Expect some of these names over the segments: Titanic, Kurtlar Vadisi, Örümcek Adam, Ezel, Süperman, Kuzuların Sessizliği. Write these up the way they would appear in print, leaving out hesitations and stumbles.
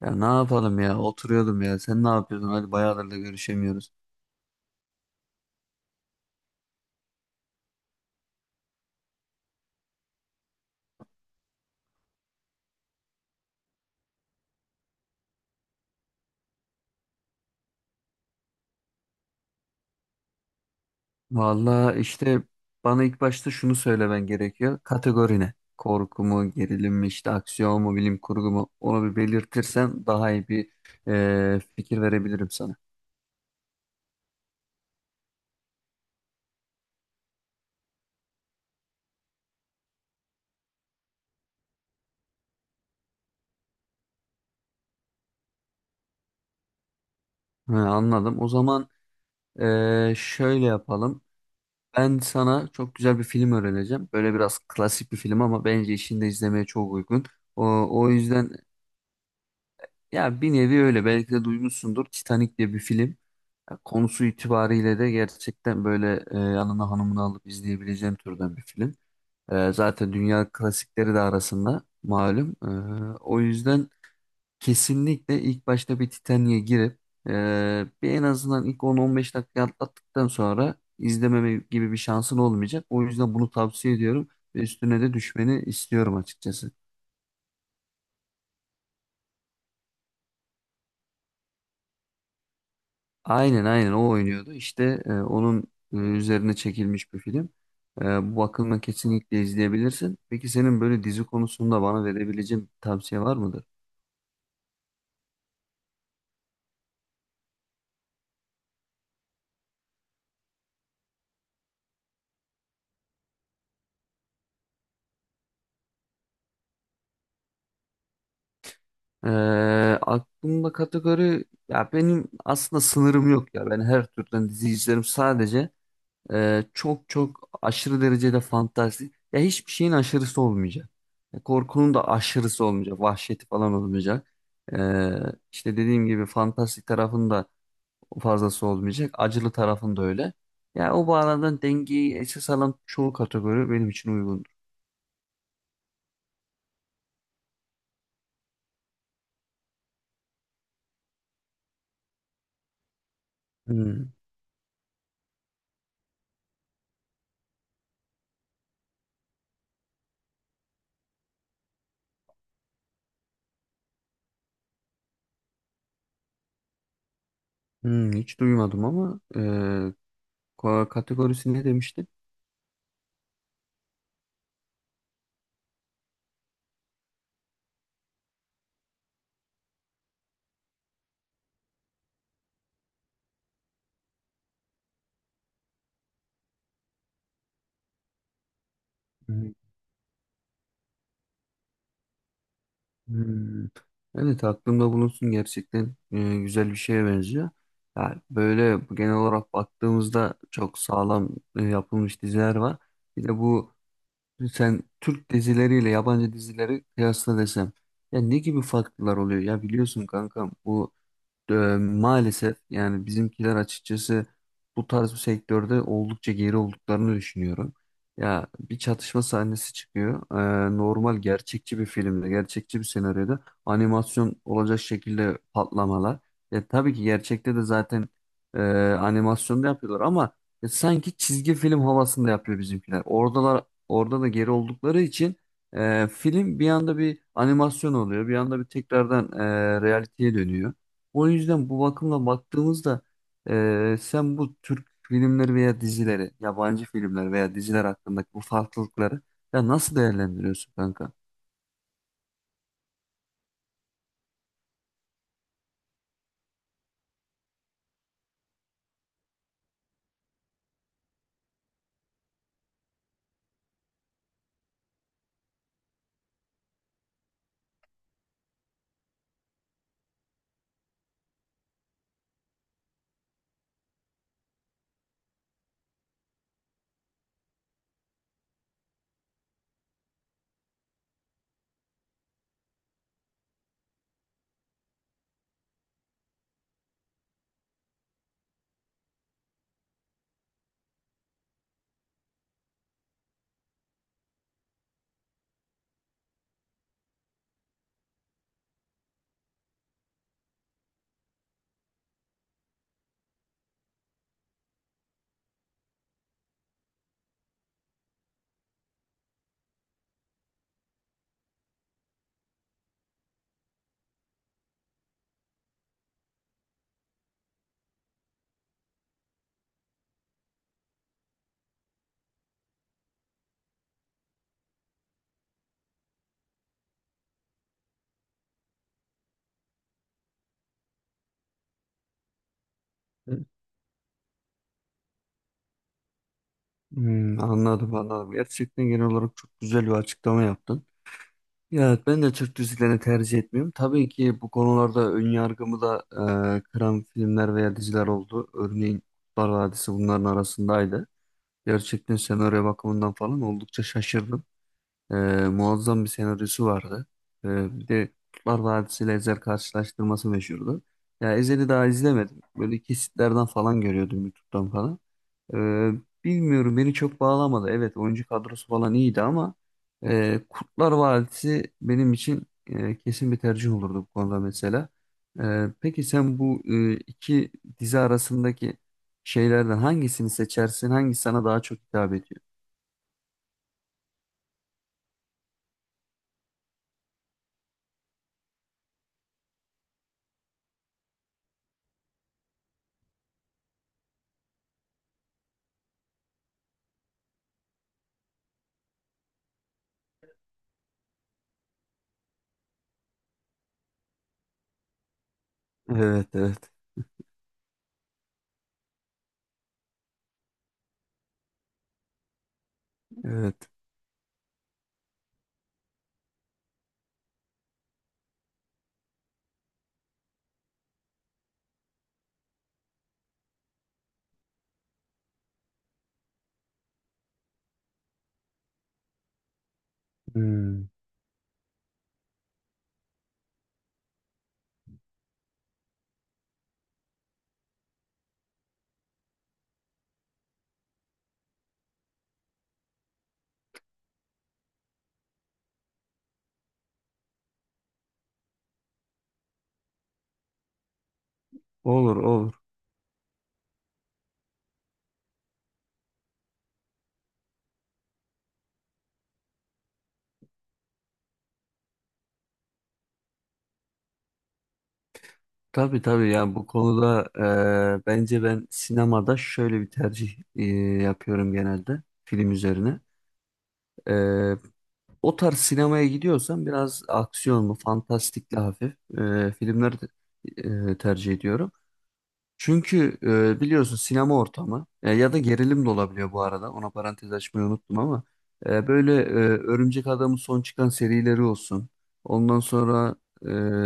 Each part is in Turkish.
Ya ne yapalım ya, oturuyordum. Ya sen ne yapıyorsun? Hadi bayağıdır da görüşemiyoruz. Vallahi işte bana ilk başta şunu söylemen gerekiyor, kategori ne? Korku mu, gerilim mi, işte aksiyon mu, bilim kurgu mu, onu bir belirtirsen daha iyi bir fikir verebilirim sana. He, anladım. O zaman şöyle yapalım, ben sana çok güzel bir film öğreneceğim, böyle biraz klasik bir film ama bence işinde izlemeye çok uygun. O yüzden ya, bir nevi öyle, belki de duymuşsundur, Titanic diye bir film. Ya konusu itibariyle de gerçekten böyle yanına hanımını alıp izleyebileceğin türden bir film. Zaten dünya klasikleri de arasında malum. O yüzden kesinlikle ilk başta bir Titanic'e girip e, bir, en azından ilk 10-15 dakika atlattıktan sonra izlememe gibi bir şansın olmayacak. O yüzden bunu tavsiye ediyorum ve üstüne de düşmeni istiyorum açıkçası. Aynen, aynen, o oynuyordu. İşte onun üzerine çekilmiş bir film. E, Bu bakımdan kesinlikle izleyebilirsin. Peki senin böyle dizi konusunda bana verebileceğin bir tavsiye var mıdır? E, Aklımda kategori ya, benim aslında sınırım yok ya. Ben her türden dizi izlerim. Sadece çok çok aşırı derecede fantastik, ya hiçbir şeyin aşırısı olmayacak. Ya korkunun da aşırısı olmayacak. Vahşeti falan olmayacak. E, işte dediğim gibi fantastik tarafında fazlası olmayacak. Acılı tarafın da öyle. Yani o bağlamdan dengeyi esas alan çoğu kategori benim için uygundur. Hmm, hiç duymadım ama kategorisi ne demiştin? Hmm, hmm. Evet, aklımda bulunsun, gerçekten güzel bir şeye benziyor. Ya böyle genel olarak baktığımızda çok sağlam yapılmış diziler var. Bir de bu, sen Türk dizileriyle yabancı dizileri kıyasla desem, ya ne gibi farklar oluyor? Ya biliyorsun kankam, bu Ee, maalesef, yani bizimkiler açıkçası bu tarz bir sektörde oldukça geri olduklarını düşünüyorum. Ya bir çatışma sahnesi çıkıyor. Normal gerçekçi bir filmde, gerçekçi bir senaryoda animasyon olacak şekilde patlamalar. Ya tabii ki gerçekte de zaten e, animasyonda yapıyorlar ama ya sanki çizgi film havasında yapıyor bizimkiler. Oradalar, orada da geri oldukları için film bir anda bir animasyon oluyor, bir anda bir tekrardan realiteye dönüyor. O yüzden bu bakımla baktığımızda sen bu Türk filmleri veya dizileri, yabancı filmler veya diziler hakkındaki bu farklılıkları ya nasıl değerlendiriyorsun kanka? Anladım, anladım. Gerçekten genel olarak çok güzel bir açıklama yaptın. Ya evet, ben de Türk dizilerini tercih etmiyorum. Tabii ki bu konularda ön yargımı da kıran filmler veya diziler oldu. Örneğin Kurtlar Vadisi bunların arasındaydı. Gerçekten senaryo bakımından falan oldukça şaşırdım. Ee, Muazzam bir senaryosu vardı. Bir de Kurtlar Vadisi ile Ezel karşılaştırması meşhurdu. Ya Ezel'i daha izlemedim, böyle kesitlerden falan görüyordum YouTube'dan falan. Ee, Bilmiyorum, beni çok bağlamadı. Evet, oyuncu kadrosu falan iyiydi ama Kurtlar Vadisi benim için kesin bir tercih olurdu bu konuda mesela. Peki sen bu iki dizi arasındaki şeylerden hangisini seçersin? Hangisi sana daha çok hitap ediyor? Evet, evet, evet. Hmm. Olur, olur. Tabii, tabii ya, bu konuda bence ben sinemada şöyle bir tercih yapıyorum genelde film üzerine. E, O tarz sinemaya gidiyorsam biraz aksiyonlu, fantastikli hafif filmleri tercih ediyorum. Çünkü biliyorsun sinema ortamı, ya da gerilim de olabiliyor bu arada, ona parantez açmayı unuttum ama böyle Örümcek Adam'ın son çıkan serileri olsun. Ondan sonra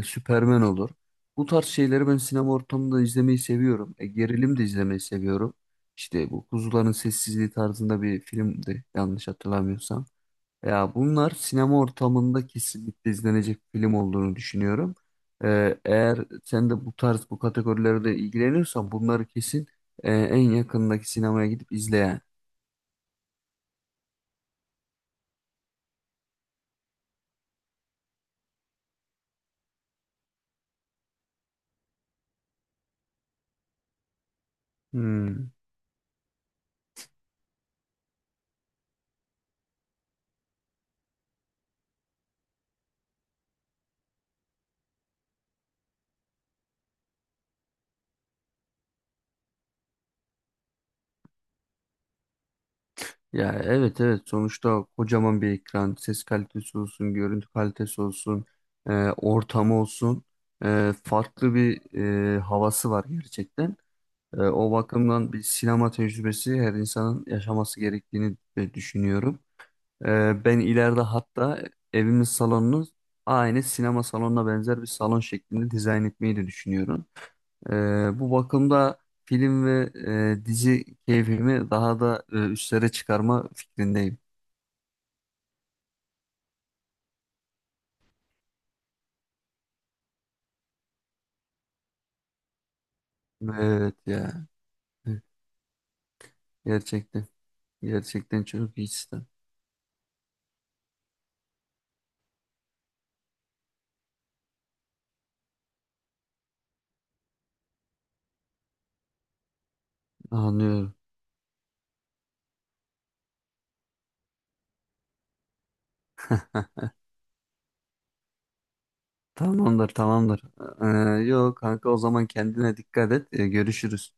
Süperman olur. Bu tarz şeyleri ben sinema ortamında izlemeyi seviyorum. Gerilim de izlemeyi seviyorum. İşte bu Kuzuların Sessizliği tarzında bir filmdi yanlış hatırlamıyorsam. Ya bunlar sinema ortamında kesinlikle izlenecek film olduğunu düşünüyorum. Eğer sen de bu tarz bu kategorilerde ilgileniyorsan bunları kesin en yakındaki sinemaya gidip izle yani. Hmm. Ya evet, evet, sonuçta kocaman bir ekran, ses kalitesi olsun, görüntü kalitesi olsun, ortamı olsun, farklı bir havası var gerçekten. O bakımdan bir sinema tecrübesi her insanın yaşaması gerektiğini düşünüyorum. Ben ileride hatta evimin salonunu aynı sinema salonuna benzer bir salon şeklinde dizayn etmeyi de düşünüyorum. Ee, Bu bakımda film ve dizi keyfimi daha da üstlere çıkarma fikrindeyim. Evet ya, evet. Gerçekten. Gerçekten çok iyi sistem. Anlıyorum. Heh, Tamamdır, tamamdır. Yok kanka, o zaman kendine dikkat et. Görüşürüz.